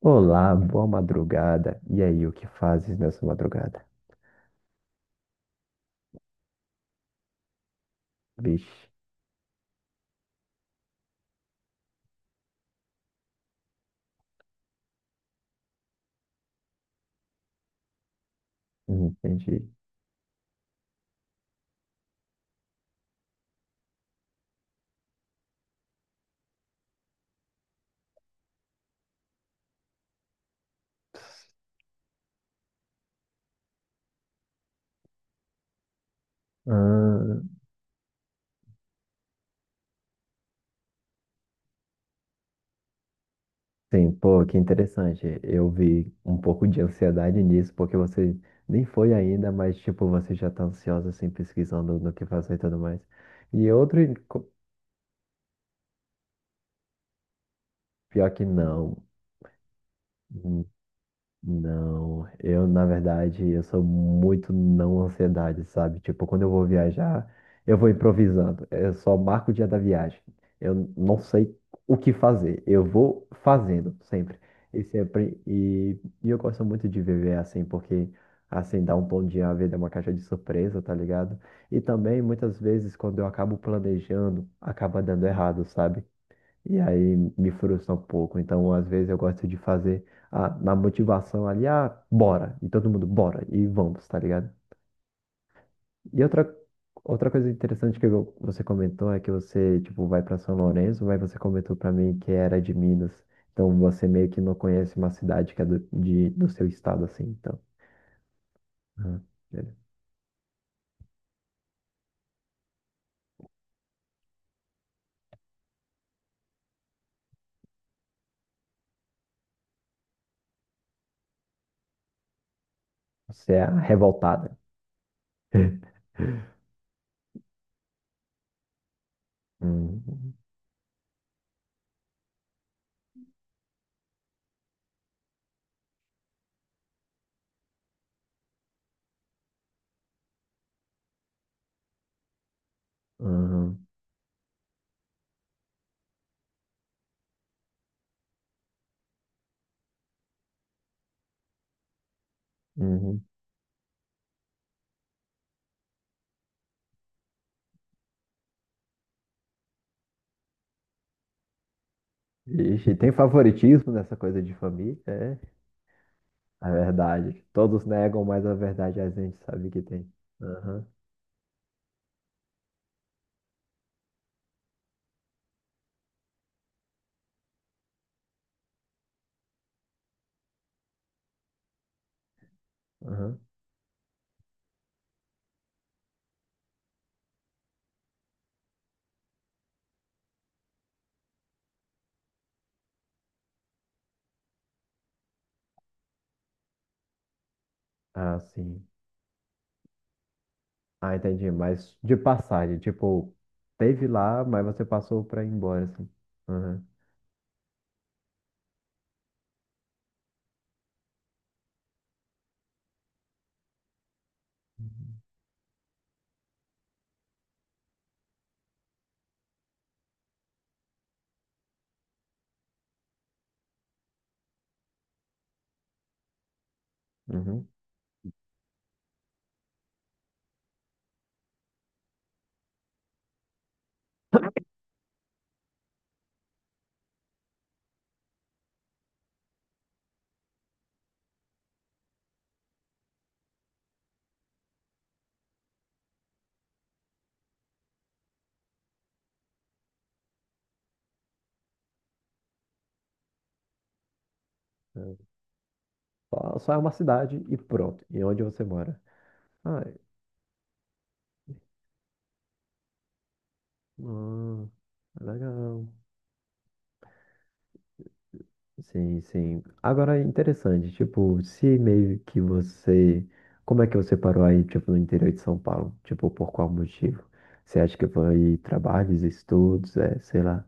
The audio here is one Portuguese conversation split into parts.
Olá, boa madrugada. E aí, o que fazes nessa madrugada? Vixe, entendi. Ah, sim, pô, que interessante. Eu vi um pouco de ansiedade nisso, porque você nem foi ainda, mas, tipo, você já tá ansiosa, assim, pesquisando no que fazer e tudo mais. E outro, co- pior que não. Não, eu na verdade eu sou muito não ansiedade, sabe? Tipo, quando eu vou viajar, eu vou improvisando. Eu só marco o dia da viagem. Eu não sei o que fazer. Eu vou fazendo sempre. E sempre e, e eu gosto muito de viver assim, porque assim dá um bom dia, a vida é uma caixa de surpresa, tá ligado? E também muitas vezes quando eu acabo planejando, acaba dando errado, sabe? E aí me frustra um pouco. Então, às vezes, eu gosto de fazer a, na motivação ali, ah, bora. E todo mundo, bora. E vamos, tá ligado? E outra, outra coisa interessante que você comentou é que você, tipo, vai para São Lourenço, mas você comentou para mim que era de Minas. Então, você meio que não conhece uma cidade que é do seu estado, assim. Então, uhum, beleza. Você é a revoltada. Uhum. Uhum. Uhum. Ixi, tem favoritismo nessa coisa de família? É a verdade. Todos negam, mas a verdade a gente sabe que tem. Aham, aham. Ah, sim. Ah, entendi. Mas de passagem, tipo, teve lá, mas você passou pra ir embora, assim. Aham. Uhum. É. Só, só é uma cidade e pronto. E onde você mora? Ah, é- ah, legal. Sim, sim. Agora é interessante, tipo, se meio que você. Como é que você parou aí, tipo, no interior de São Paulo? Tipo, por qual motivo? Você acha que foi trabalhos, estudos, é, sei lá.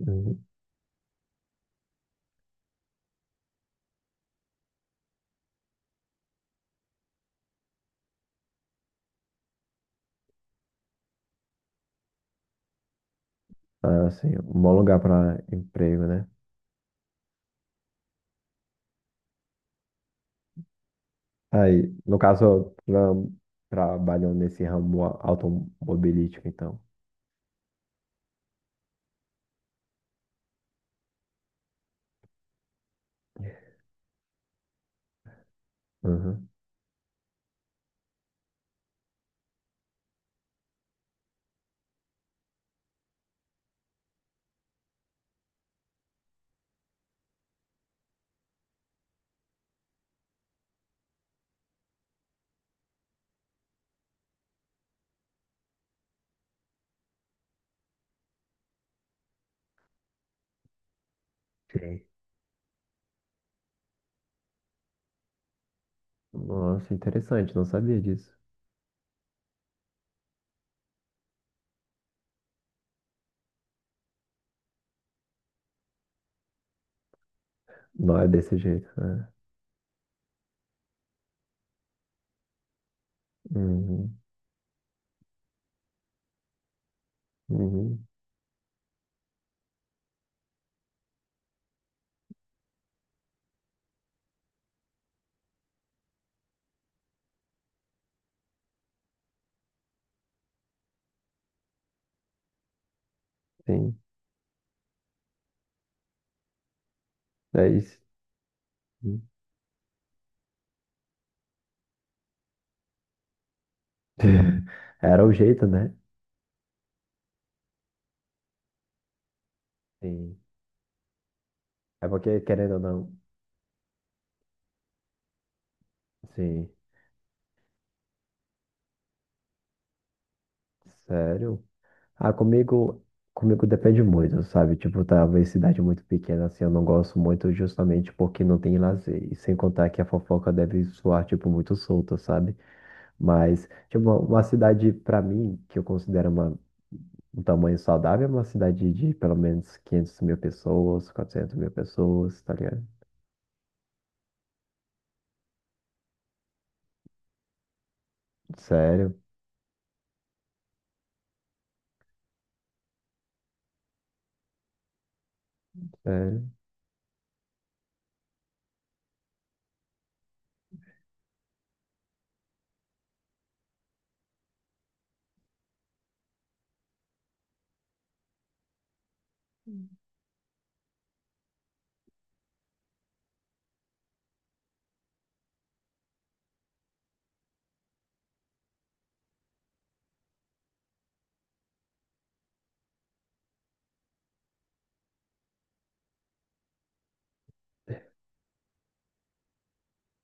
Uhum. Ah, assim, um bom lugar para emprego, né? Aí, no caso, trabalhou nesse ramo automobilístico, então. Uhum. Sim. Nossa, interessante, não sabia disso. Não é desse jeito, né? Uhum. Uhum. Sim. É isso. Era o jeito, né? Sim. É porque, querendo ou não, sim. Sério? Ah, comigo depende muito, sabe? Tipo, talvez cidade muito pequena, assim, eu não gosto muito justamente porque não tem lazer. E sem contar que a fofoca deve soar, tipo, muito solta, sabe? Mas, tipo, uma cidade, pra mim, que eu considero uma, um tamanho saudável, é uma cidade de pelo menos 500 mil pessoas, 400 mil pessoas, tá ligado? Sério, sério.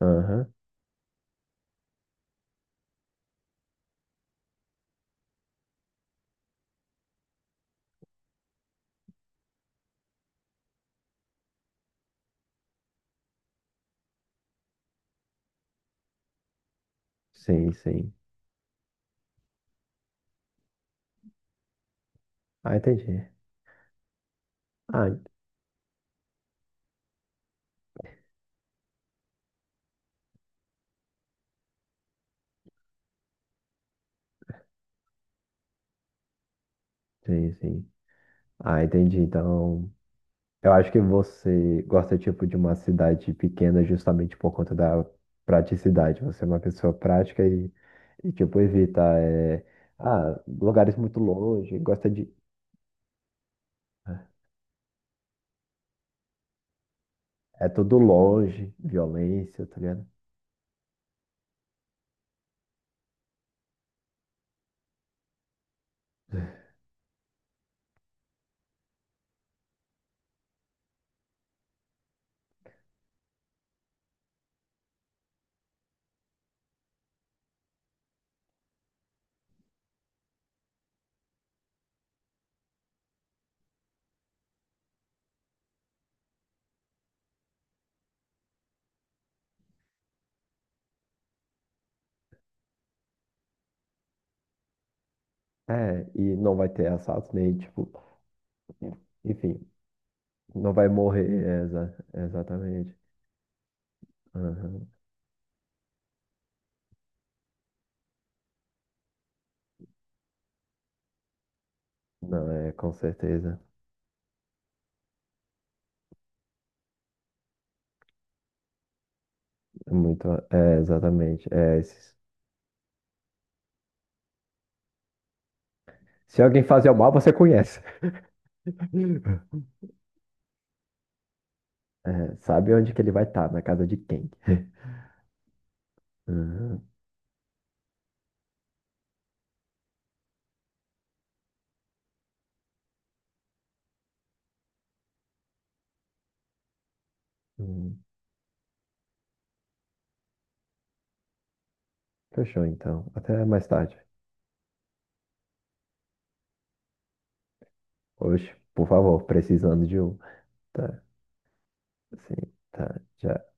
Aham, sim, sim. Ah, entendi. Ah, sim, sim. Ah, entendi. Então, eu acho que você gosta, tipo, de uma cidade pequena justamente por conta da praticidade. Você é uma pessoa prática e tipo, evita, é, ah, lugares muito longe, gosta de... É tudo longe, violência, tá ligado? É, e não vai ter assalto nem, tipo, enfim, não vai morrer, é, exatamente. Aham. Não, é, com certeza. É muito, é, exatamente. É, esses- Se alguém fazer o mal, você conhece. É, sabe onde que ele vai estar, na casa de quem. Uhum. Uhum. Fechou, então. Até mais tarde. Hoje, por favor, precisando de um. Tá, sim, tá, já.